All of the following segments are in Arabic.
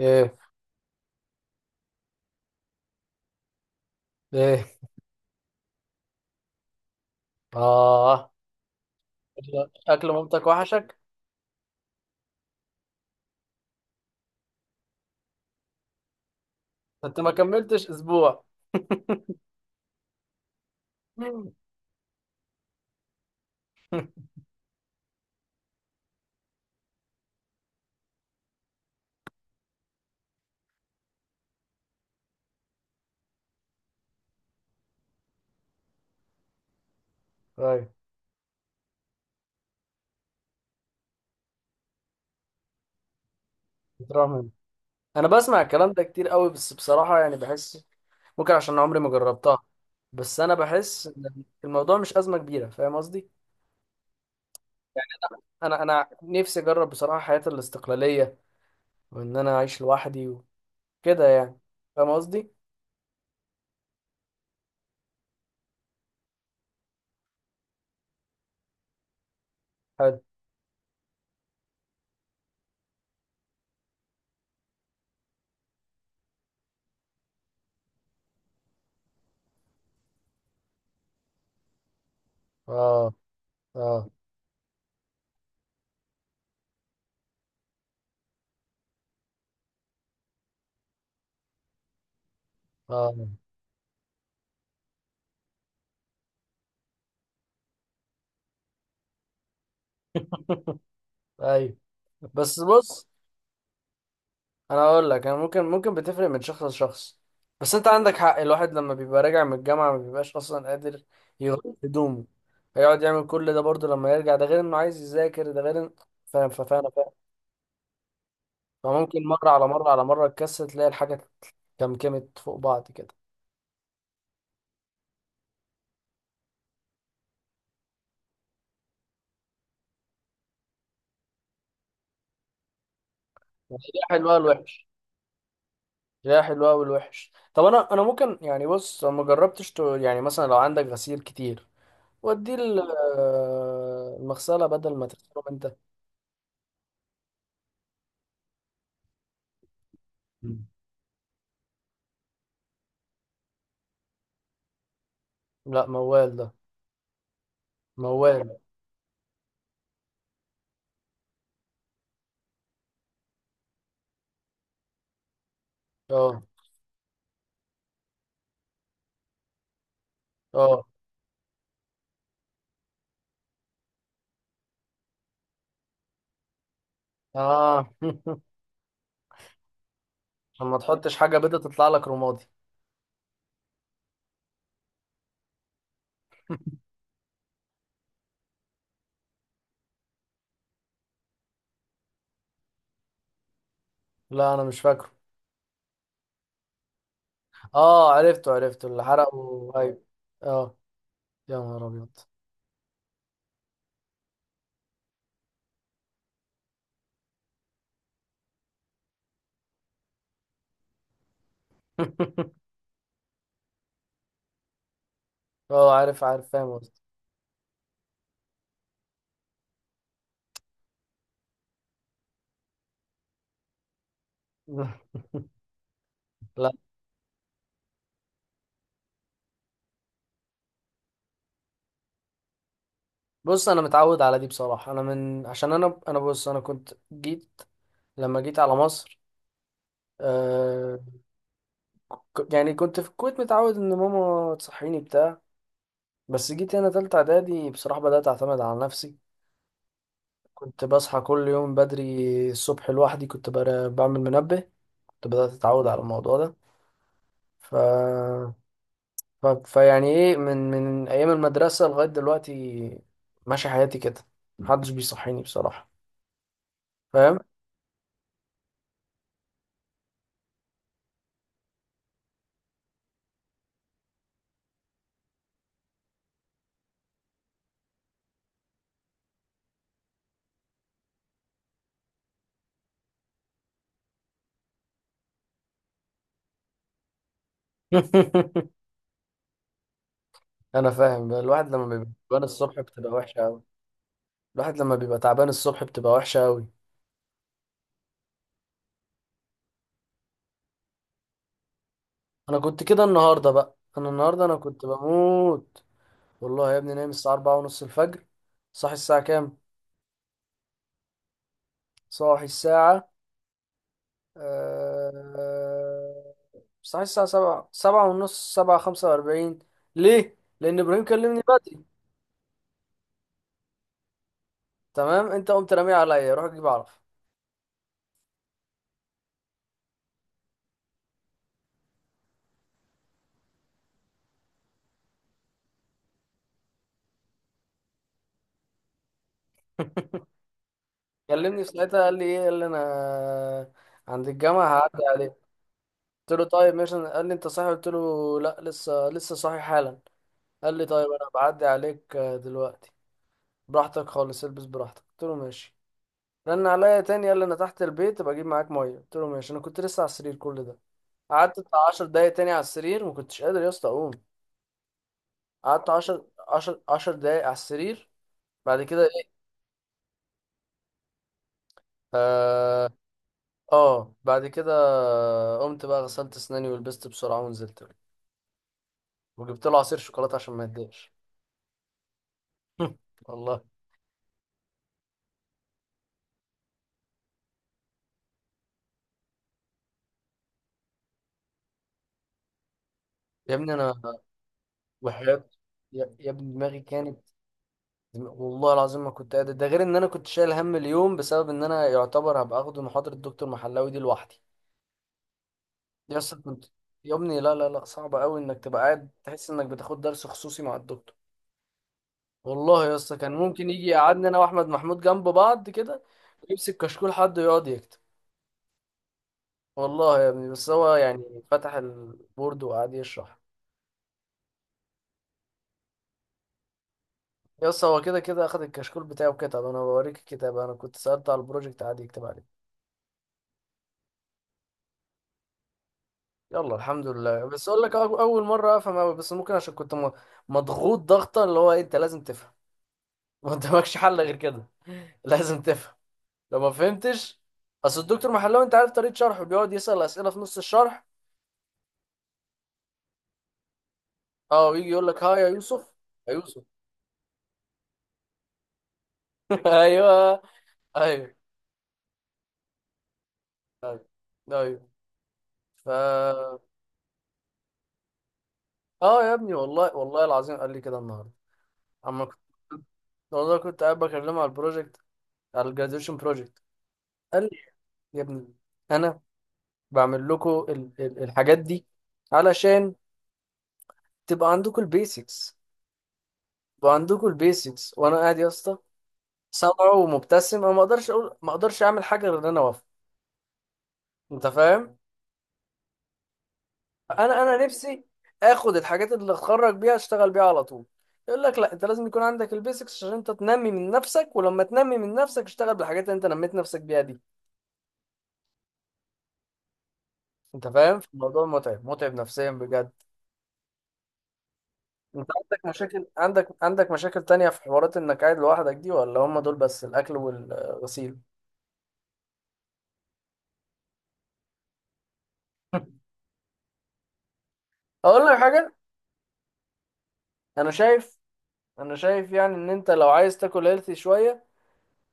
ايه. ايه. اه. أكل مامتك وحشك؟ انت ما كملتش اسبوع. مم. طيب، بتروح من. انا بسمع الكلام ده كتير قوي، بس بصراحة يعني بحس ممكن عشان عمري ما جربتها. بس انا بحس ان الموضوع مش أزمة كبيرة، فاهم قصدي؟ انا نفسي اجرب بصراحة حياة الاستقلالية، وان انا اعيش لوحدي وكده يعني. فاهم قصدي؟ حلو. اه. اه. اه. ايوه. بس بص، انا اقول لك، انا ممكن بتفرق من شخص لشخص. بس انت عندك حق، الواحد لما بيبقى راجع من الجامعه ما بيبقاش اصلا قادر يغير هدومه. هيقعد يعمل كل ده برضه لما يرجع، ده غير انه عايز يذاكر، ده غير إن-. فاهم، فاهم، فاهم. فممكن مره على مره على مره تكسر تلاقي الحاجه كمكمت فوق بعض كده. تلاقيها حلوه والوحش. تلاقيها حلوه والوحش. طب، انا ممكن يعني، بص، أنا ما جربتش ت-، يعني مثلا لو عندك غسيل كتير وديه ال-، آه، المغسله بدل ما تغسله انت. مم. لا، موال ده. موال. اه. اه. اه. لما تحطش حاجة بيضة تطلع لك رمادي. لا انا مش فاكره. اه، عرفته، عرفته اللي حرقه، ايوه. اه. يا نهار ابيض. اه، عارف، عارف، فاهم قصدي. لا. بص، انا متعود على دي بصراحة، انا من عشان انا بص، انا كنت جيت لما جيت على مصر. آه. يعني كنت في الكويت متعود ان ماما تصحيني بتاع. بس جيت هنا تالتة اعدادي، بصراحة بدأت اعتمد على نفسي. كنت بصحى كل يوم بدري الصبح لوحدي، كنت بعمل منبه. كنت بدأت أتعود على الموضوع ده. ف... فيعني إيه، من أيام المدرسة لغاية دلوقتي ماشي حياتي كده، محدش بيصحيني بصراحة. فاهم. أنا فاهم، الواحد لما بيبقى تعبان الصبح بتبقى وحشة أوي. الواحد لما بيبقى تعبان الصبح بتبقى وحشة أوي. أنا كنت كده النهاردة بقى، أنا النهاردة أنا كنت بموت. والله يا ابني، نايم الساعة 4:30 الفجر. صاحي الساعة كام؟ صاحي الساعة، آه، صحيح الساعة 7، 7:30، 7:45. ليه؟ لأن إبراهيم كلمني بدري. تمام، أنت قمت راميه عليا روح أجيب عرف. كلمني في ساعتها قال لي إيه، قال لي أنا عند الجامعة هعدي عليك. قلت له طيب ماشي. قال لي أنت صاحي؟ قلت له لا، لسه لسه صاحي حالا. قال لي طيب أنا بعدي عليك، آه، دلوقتي. براحتك خالص البس براحتك، قلت له ماشي. رن عليا تاني قال لي أنا تحت البيت، بجيب معاك مية؟ قلت له ماشي، أنا كنت لسه على السرير كل ده. قعدت بتاع 10 دقايق تاني على السرير، ما كنتش قادر يا اسطى اقوم. قعدت 10 10 10 دقايق على السرير. بعد كده ايه؟ اه. آه، بعد كده قمت بقى، غسلت اسناني ولبست بسرعه ونزلت له. وجبت له عصير شوكولاته عشان ما يتضايقش. والله يا ابني انا. وحياة. يا ابني دماغي كانت. والله العظيم ما كنت قادر، ده غير ان انا كنت شايل هم اليوم بسبب ان انا يعتبر هبقى اخده محاضره الدكتور محلاوي دي لوحدي. يا اسطى كنت. يا ابني لا لا لا، صعب قوي انك تبقى قاعد تحس انك بتاخد درس خصوصي مع الدكتور. والله يا اسطى كان ممكن يجي يقعدنا انا واحمد محمود جنب بعض كده، ويمسك كشكول حد ويقعد يكتب. والله يا ابني بس هو يعني فتح البورد وقعد يشرح. يا اسطى، هو كده كده اخد الكشكول بتاعه وكتب، انا بوريك الكتاب، انا كنت سألت على البروجكت قعد يكتب عليه. يلا الحمد لله. بس اقول لك، اول مره افهم قوي، بس ممكن عشان كنت م-، مضغوط ضغطه، اللي هو إيه، انت لازم تفهم. ما قدامكش حل غير كده. لازم تفهم لو ما فهمتش. اصل الدكتور محلاوي انت عارف طريقه شرحه، بيقعد يسال اسئله في نص الشرح. اه، ويجي يقول لك ها يا يوسف. يا يوسف. ايوه. ايوه. ايوه. ايوه. ف. اه يا ابني، والله والله العظيم قال لي كده النهارده، اما كنت. والله كنت قاعد بكلمه على البروجكت، على الجراديويشن بروجكت. قال لي يا ابني، انا بعمل لكم الحاجات دي علشان تبقى عندكم البيسكس. تبقى عندكم البيسكس، وانا قاعد يا اسطى صابع ومبتسم، انا ما اقدرش اقول، ما اقدرش اعمل حاجه غير ان انا اوافق. انت فاهم؟ انا نفسي اخد الحاجات اللي اتخرج بيها اشتغل بيها على طول. يقول لك لا، انت لازم يكون عندك البيسكس عشان انت تنمي من نفسك، ولما تنمي من نفسك اشتغل بالحاجات اللي انت نميت نفسك بيها دي. انت فاهم؟ الموضوع متعب متعب نفسيا بجد. انت عندك مشاكل، عندك مشاكل تانية في حوارات انك قاعد لوحدك دي، ولا هم دول بس الاكل والغسيل؟ اقول لك حاجه. انا شايف، انا شايف يعني ان انت لو عايز تاكل هيلثي شويه،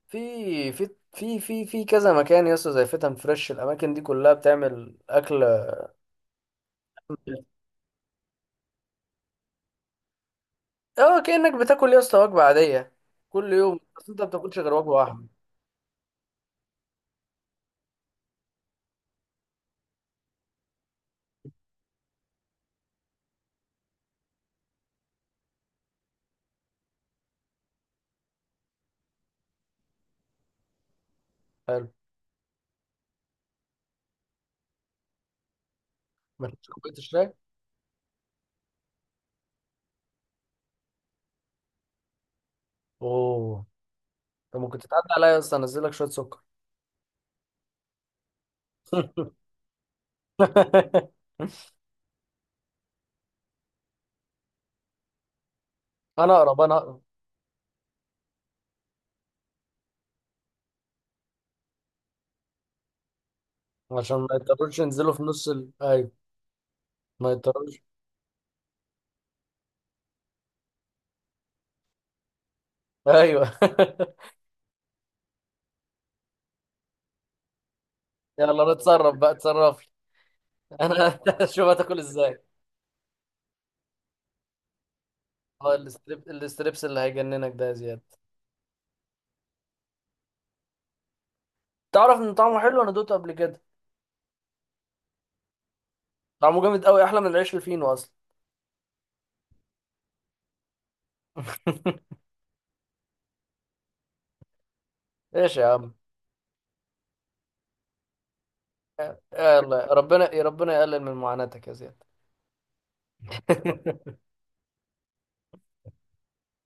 في كذا مكان يا اسطى زي فتن فريش، الاماكن دي كلها بتعمل اكل. اه، كأنك بتاكل يا اسطى وجبة عادية كل يوم، بس انت ما بتاكلش غير وجبة واحدة. حلو. ما تاكلش كوباية الشاي؟ اوه. انت ممكن تتعدى عليا يا اسطى انزل لك شوية سكر. انا اقرب، انا اقرب. عشان ما يضطروش ينزلوا في نص ايوه، ما يضطروش، ايوه. يلا انا اتصرف بقى، اتصرف لي. انا. شوف هتاكل ازاي. اه، الاستريبس اللي هيجننك ده يا زياد. تعرف ان طعمه حلو، انا دوقته قبل كده. طعمه جامد قوي احلى من العيش الفينو اصلا. ايش يا عم. يلا، ربنا ربنا يقلل من معاناتك يا زياد.